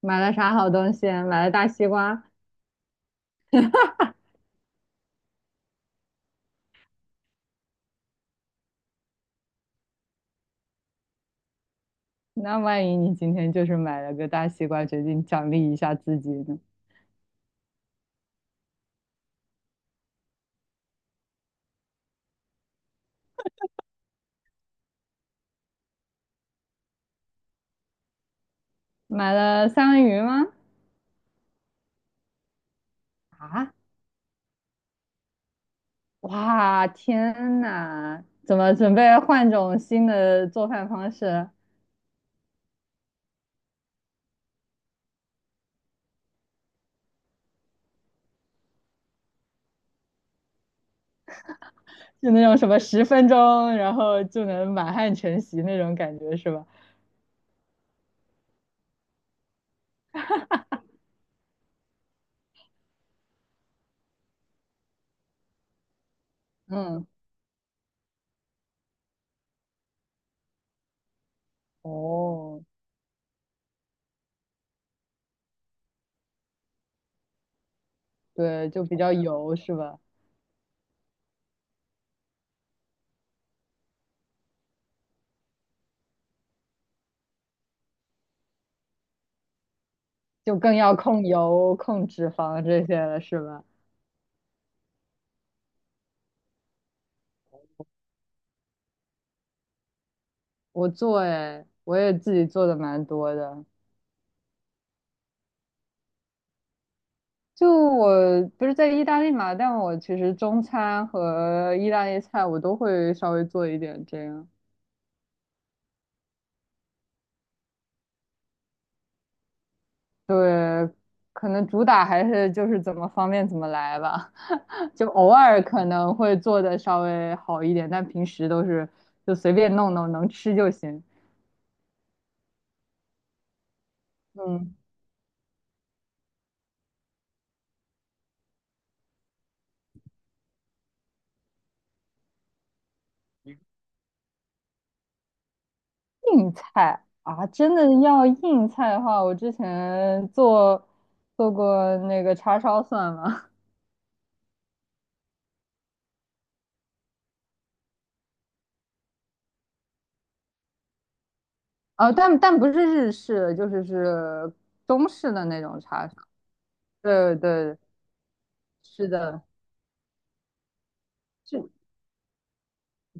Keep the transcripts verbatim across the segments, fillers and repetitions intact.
买了啥好东西？买了大西瓜。那万一你今天就是买了个大西瓜，决定奖励一下自己呢？买了三文鱼吗？啊，哇，天呐，怎么准备换种新的做饭方式？就那种什么十分钟，然后就能满汉全席那种感觉是吧？嗯。哦，对，就比较油是吧？就更要控油、控脂肪这些了是吧？我做，哎，我也自己做的蛮多的。就我不是在意大利嘛，但我其实中餐和意大利菜我都会稍微做一点这样。对，可能主打还是就是怎么方便怎么来吧，就偶尔可能会做的稍微好一点，但平时都是就随便弄弄，能吃就行。嗯，硬菜啊，真的要硬菜的话，我之前做做过那个叉烧算吗？呃，但但不是日式，就是是中式的那种叉烧。对对，是的，就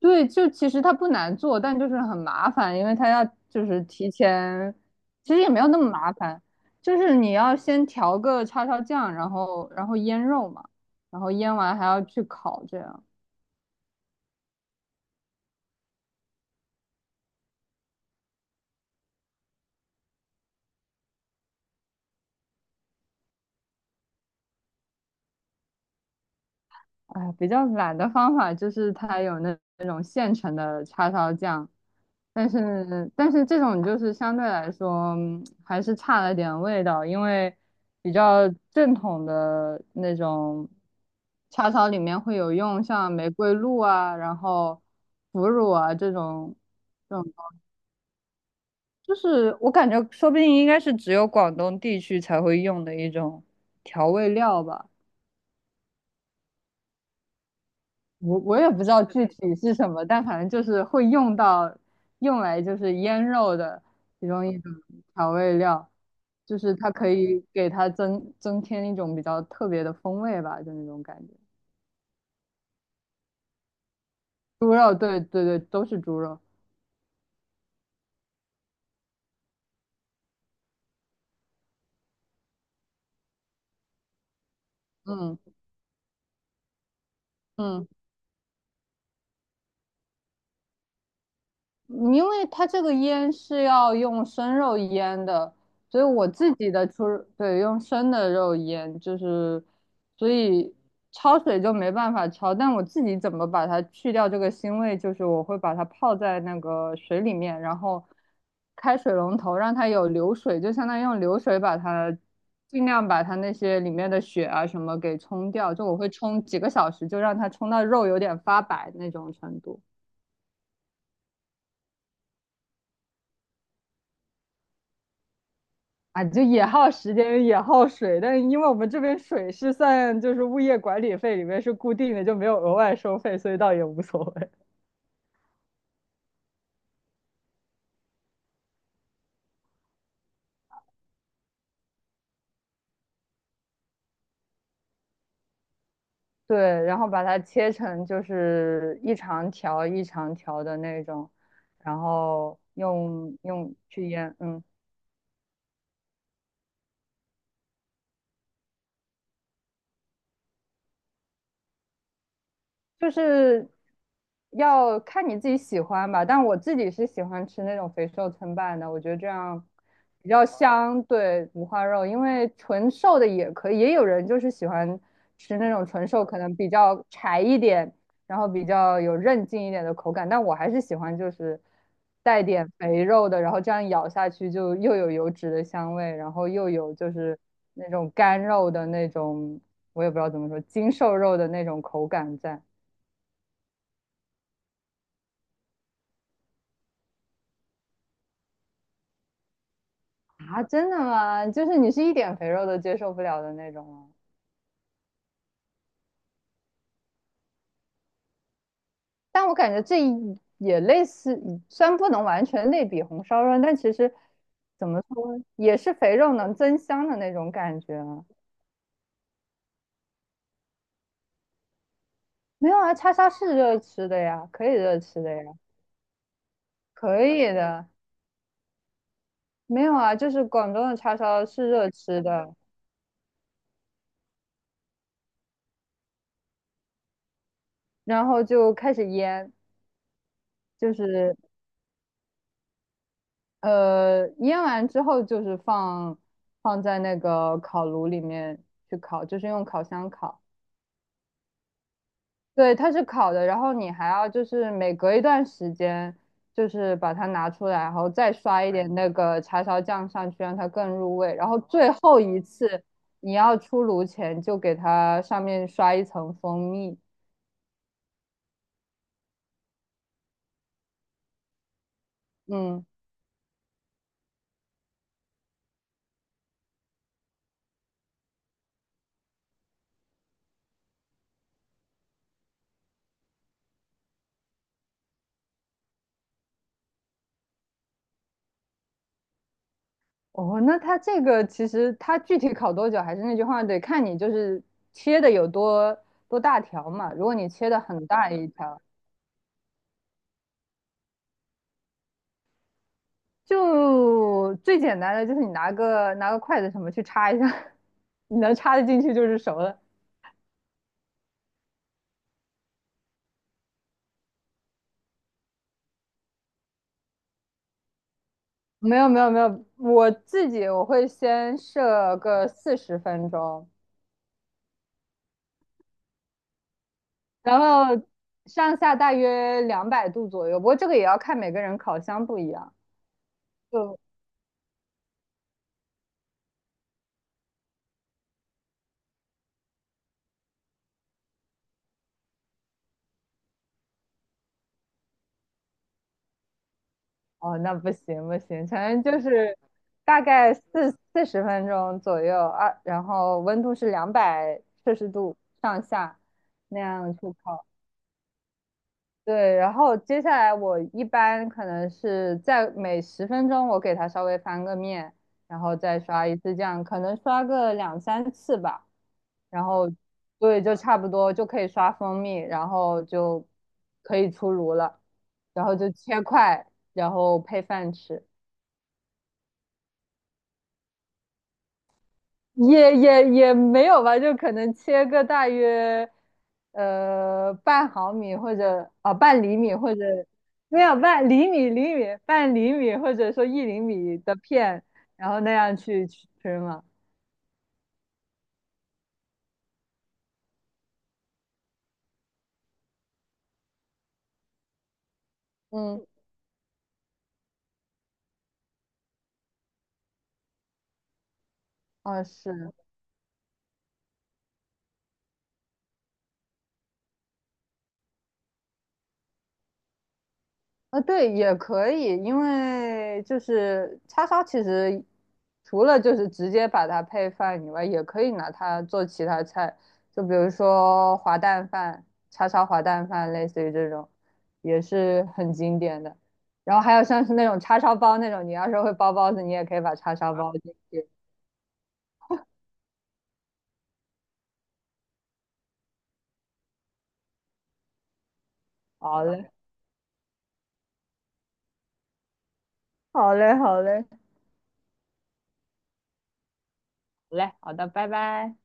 对，就其实它不难做，但就是很麻烦，因为它要就是提前，其实也没有那么麻烦，就是你要先调个叉烧酱，然后然后腌肉嘛，然后腌完还要去烤，这样。哎，比较懒的方法就是它有那那种现成的叉烧酱，但是但是这种就是相对来说嗯还是差了点味道，因为比较正统的那种叉烧里面会有用像玫瑰露啊，然后腐乳啊这种这种，就是我感觉说不定应该是只有广东地区才会用的一种调味料吧。我我也不知道具体是什么，但反正就是会用到，用来就是腌肉的其中一种调味料，就是它可以给它增增添一种比较特别的风味吧，就那种感觉。猪肉，对对对，都是猪肉。嗯嗯。因为它这个腌是要用生肉腌的，所以我自己的出，对，用生的肉腌，就是，所以焯水就没办法焯，但我自己怎么把它去掉这个腥味，就是我会把它泡在那个水里面，然后开水龙头让它有流水，就相当于用流水把它尽量把它那些里面的血啊什么给冲掉，就我会冲几个小时，就让它冲到肉有点发白那种程度。啊，就也耗时间，也耗水，但是因为我们这边水是算就是物业管理费里面是固定的，就没有额外收费，所以倒也无所谓。对，然后把它切成就是一长条一长条的那种，然后用用去腌，嗯。就是要看你自己喜欢吧，但我自己是喜欢吃那种肥瘦参半的，我觉得这样比较香，对，五花肉，因为纯瘦的也可以，也有人就是喜欢吃那种纯瘦，可能比较柴一点，然后比较有韧劲一点的口感，但我还是喜欢就是带点肥肉的，然后这样咬下去就又有油脂的香味，然后又有就是那种干肉的那种，我也不知道怎么说，精瘦肉的那种口感在。啊，真的吗？就是你是一点肥肉都接受不了的那种吗？但我感觉这一也类似，虽然不能完全类比红烧肉，但其实怎么说，也是肥肉能增香的那种感觉啊。没有啊，叉烧是热吃的呀，可以热吃的呀，可以的。没有啊，就是广东的叉烧是热吃的，然后就开始腌，就是呃，腌完之后就是放放在那个烤炉里面去烤，就是用烤箱烤。对，它是烤的，然后你还要就是每隔一段时间，就是把它拿出来，然后再刷一点那个叉烧酱上去，让它更入味。然后最后一次你要出炉前，就给它上面刷一层蜂蜜。嗯，哦，那它这个其实它具体烤多久，还是那句话，得看你就是切的有多多大条嘛。如果你切的很大一条，就最简单的就是你拿个拿个筷子什么去插一下，你能插得进去就是熟的。没有没有没有，我自己我会先设个四十分钟，然后上下大约两百度左右。不过这个也要看每个人烤箱不一样。就哦，那不行不行，反正就是大概四四十分钟左右啊，然后温度是两百摄氏度上下那样去烤。对，然后接下来我一般可能是在每十分钟我给它稍微翻个面，然后再刷一次酱，可能刷个两三次吧，然后对，就差不多就可以刷蜂蜜，然后就可以出炉了，然后就切块，然后配饭吃。也也也没有吧，就可能切个大约呃半毫米或者啊、半厘米或者没有半厘米厘米半厘米或者说一厘米的片，然后那样去去吃嘛。嗯，哦是，啊，对，也可以，因为就是叉烧，其实除了就是直接把它配饭以外，也可以拿它做其他菜，就比如说滑蛋饭、叉烧滑蛋饭，类似于这种，也是很经典的。然后还有像是那种叉烧包那种，你要是会包包子，你也可以把叉烧包进去。好嘞，好嘞，好嘞，好嘞，好的，拜拜。